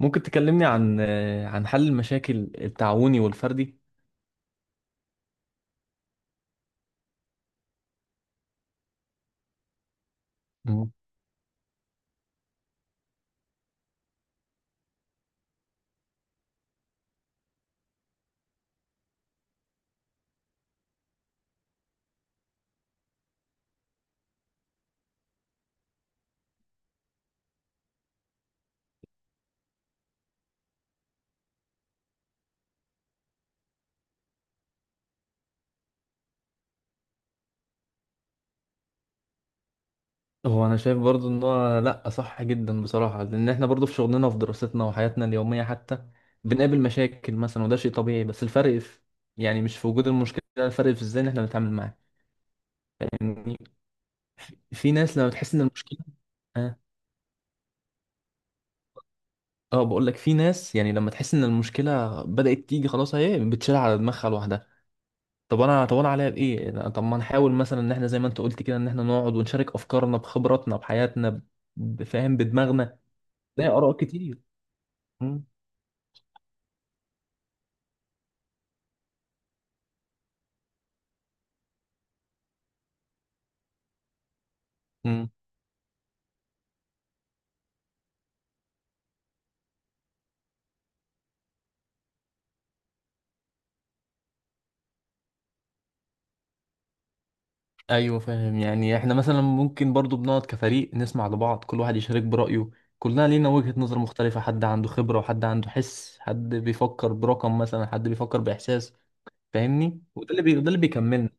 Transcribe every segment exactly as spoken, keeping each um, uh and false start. ممكن تكلمني عن آه، عن حل المشاكل التعاوني والفردي. مم. هو انا شايف برضو ان هو لا، صح جدا بصراحة، لان احنا برضو في شغلنا وفي دراستنا وحياتنا اليومية حتى بنقابل مشاكل مثلا، وده شيء طبيعي. بس الفرق في يعني مش في وجود المشكلة، الفرق في ازاي إن احنا بنتعامل معاها. يعني في ناس لما بتحس ان المشكلة. اه. اه، بقول لك في ناس يعني لما تحس ان المشكلة بدأت تيجي خلاص، اهي بتشيلها على دماغها لوحدها. طب انا طب انا عليا بايه أنا- طب ما نحاول مثلا ان احنا زي ما انت قلت كده، ان احنا نقعد ونشارك افكارنا بخبراتنا بحياتنا بفهم بدماغنا زي اراء كتير. مم. مم. ايوه فاهم. يعني احنا مثلا ممكن برضو بنقعد كفريق نسمع لبعض، كل واحد يشارك برايه. كلنا لينا وجهة نظر مختلفة، حد عنده خبرة وحد عنده حس، حد بيفكر برقم مثلا، حد بيفكر باحساس. فاهمني. وده اللي بي... ده اللي بيكملنا.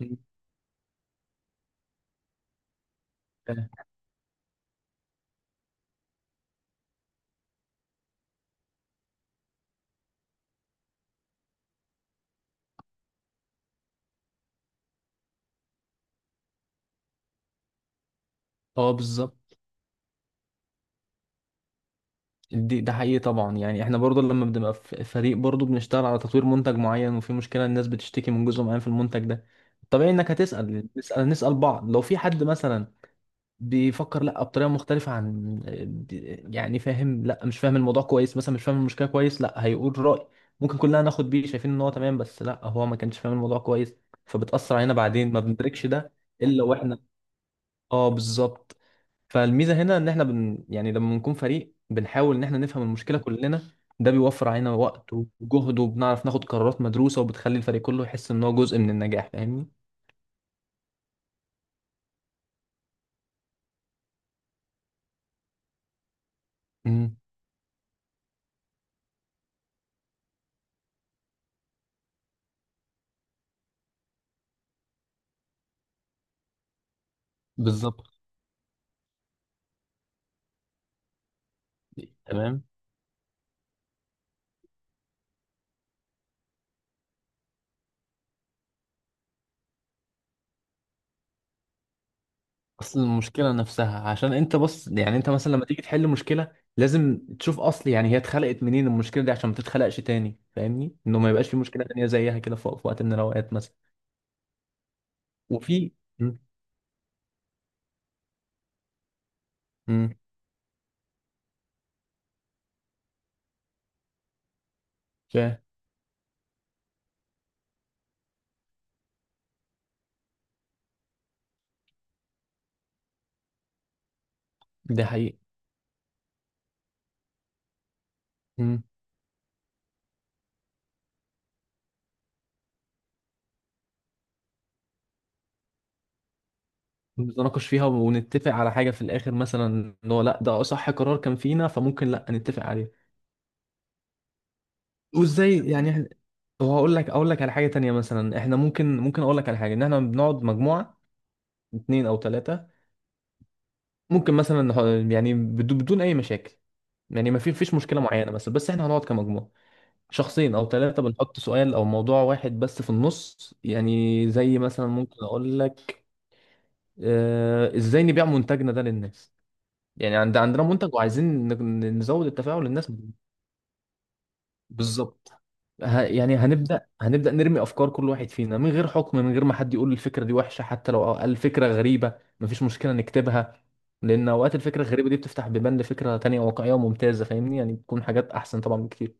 مم. فاهم. اه، بالظبط. دي ده حقيقي طبعا، يعني احنا برضو لما بنبقى في فريق برضو بنشتغل على تطوير منتج معين، وفي مشكلة الناس بتشتكي من جزء معين في المنتج ده. طبيعي انك هتسأل نسأل نسأل بعض لو في حد مثلا بيفكر لا بطريقة مختلفة عن. يعني فاهم لا مش فاهم الموضوع كويس، مثلا مش فاهم المشكلة كويس، لا هيقول رأي ممكن كلنا ناخد بيه شايفين ان هو تمام، بس لا هو ما كانش فاهم الموضوع كويس فبتأثر علينا بعدين ما بندركش ده الا واحنا. اه، بالظبط. فالميزه هنا، ان احنا بن يعني لما بنكون فريق بنحاول ان احنا نفهم المشكله كلنا. ده بيوفر علينا وقت وجهد، وبنعرف ناخد قرارات مدروسه، وبتخلي الفريق كله يحس ان هو جزء من النجاح فاهمني. امم. بالظبط. تمام. اصل المشكله نفسها، عشان انت بص يعني انت مثلا لما تيجي تحل مشكله لازم تشوف اصل يعني هي اتخلقت منين المشكله دي، عشان ما تتخلقش تاني فاهمني، انه ما يبقاش في مشكله تانيه زيها كده في في وقت من الاوقات مثلا. وفي. امم. امم. فاهم. ده حقيقي. نتناقش فيها ونتفق على حاجة في الآخر مثلا، إن هو لأ ده صح قرار كان فينا فممكن لأ نتفق عليه. وإزاي يعني إحنا- وهقول لك أقول لك على حاجة تانية مثلا، إحنا ممكن ممكن أقول لك على حاجة إن إحنا بنقعد مجموعة، اتنين أو تلاتة. ممكن مثلا نح- يعني بدو- بدون أي مشاكل، يعني ما في فيش مشكلة معينة مثلا، بس إحنا هنقعد كمجموعة، شخصين أو تلاتة بنحط سؤال أو موضوع واحد بس في النص. يعني زي مثلا ممكن أقول لك، آه، إزاي نبيع منتجنا ده للناس، يعني عند عندنا منتج وعايزين ن- نزود التفاعل للناس. بالظبط. ه... يعني هنبدأ هنبدأ نرمي أفكار، كل واحد فينا من غير حكم، من غير ما حد يقول الفكرة دي وحشة، حتى لو قال فكرة غريبة مفيش مشكلة نكتبها، لأن أوقات الفكرة الغريبة دي بتفتح بيبان لفكرة تانية واقعية وممتازة فاهمني، يعني بتكون حاجات أحسن طبعا بكتير.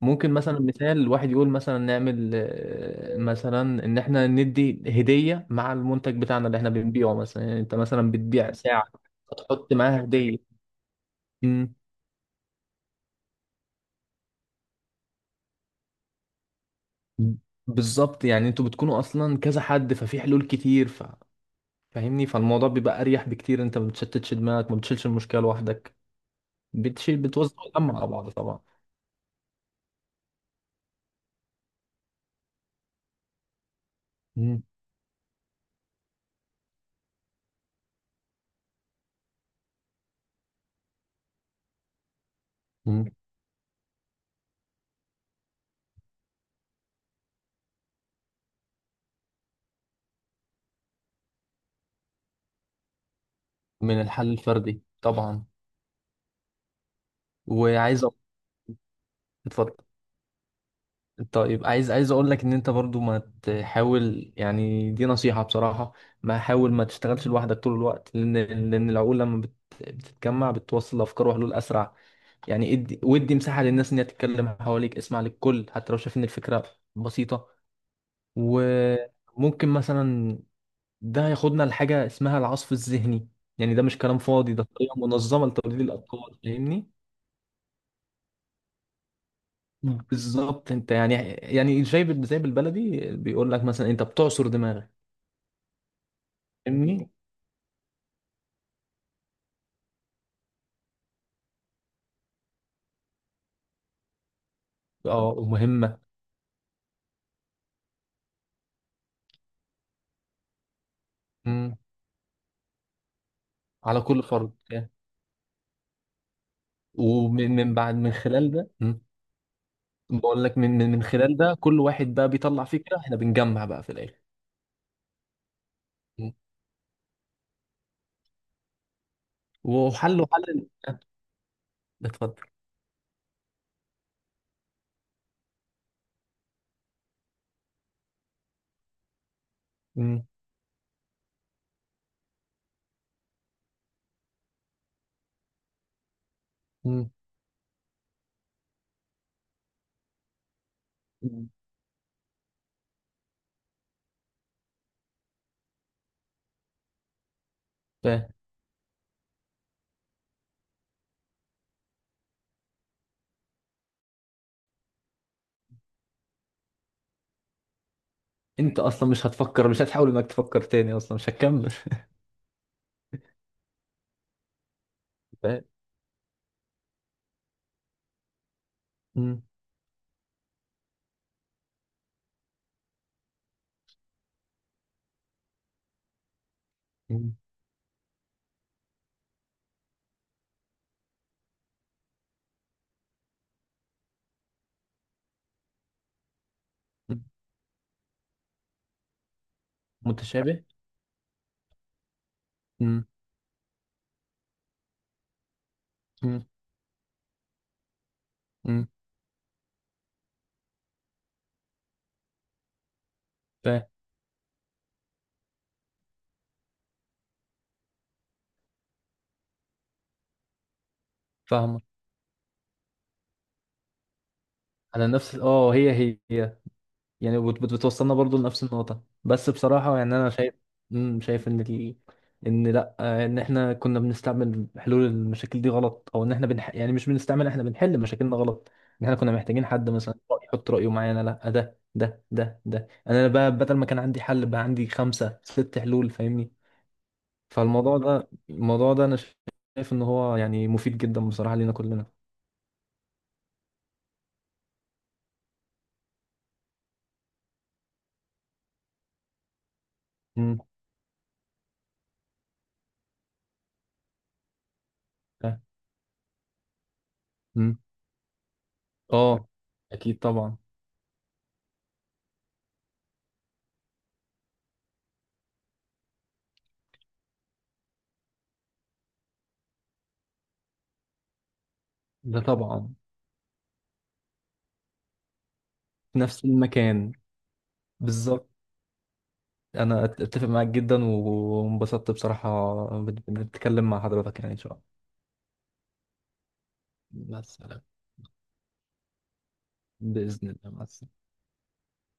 ممكن مثلا مثال واحد يقول مثلا نعمل آه، مثلا إن إحنا ندي هدية مع المنتج بتاعنا اللي إحنا بنبيعه مثلا، يعني أنت مثلا بتبيع ساعة فتحط معاها هدية. بالظبط، يعني انتوا بتكونوا اصلا كذا حد ففي حلول كتير ف... فاهمني، فالموضوع بيبقى اريح بكتير، انت ما بتشتتش دماغك، ما بتشيلش المشكله لوحدك، بتشيل بتوزع الهم على بعض طبعا. مم. مم. من الحل الفردي طبعا. وعايز أ- اتفضل. طيب، عايز عايز اقول لك ان انت برضو ما تحاول، يعني دي نصيحة بصراحة، ما حاول ما تشتغلش لوحدك طول الوقت، لان لان العقول لما بت- بتتجمع بتوصل افكار وحلول اسرع. يعني ادي ودي مساحة للناس ان هي تتكلم حواليك، اسمع للكل حتى لو شايف ان الفكرة بسيطة. وممكن مثلا ده ياخدنا لحاجة اسمها العصف الذهني، يعني ده مش كلام فاضي، ده طريقة منظمة لتوليد الأفكار فاهمني. مم. بالظبط. انت يعني يعني زي بال- زي بالبلدي بيقول لك، مثلا انت بتعصر دماغك فاهمني. اه، ومهمة. مم. على كل فرد يعني. ومن من بعد من خلال ده. مم. بقول لك من من من خلال ده كل واحد بقى بيطلع فكرة، احنا بنجمع بقى في الآخر. وحله حل. اتفضل. مم. مم. مم. فاهم. انت اصلا مش هتفكر، مش هتحاول انك تفكر تاني اصلا، مش هتكمل. فاهم. مم. مم. مم. متشابه. مم. مم. مم. فاهم. فاهمة. على نفس ال- اه هي هي، يعني بت- بت- بتوصلنا برضو لنفس النقطة، بس بصراحة يعني أنا شايف. مم، شايف إن ال... إن لأ، آه، إن إحنا كنا بنستعمل حلول المشاكل دي غلط، أو إن إحنا بنح... يعني مش بنستعمل إحنا بنحل مشاكلنا غلط، إن إحنا كنا محتاجين حد مثلا يحط رأيه معانا. لأ، ده ده ده ده أنا بقى بدل ما كان عندي حل بقى عندي خمسة ست حلول فاهمني. فالموضوع ده الموضوع ده أنا شايف إن هو يعني مفيد جدا بصراحة لينا كلنا. مم. آه. مم. آه. أكيد طبعا. ده طبعا. في نفس المكان. بالظبط. انا أت- اتفق معاك جدا وانبسطت بصراحة، بن- بنتكلم مع حضرتك، يعني ان شاء الله. مع السلامة. بإذن الله مع السلامة.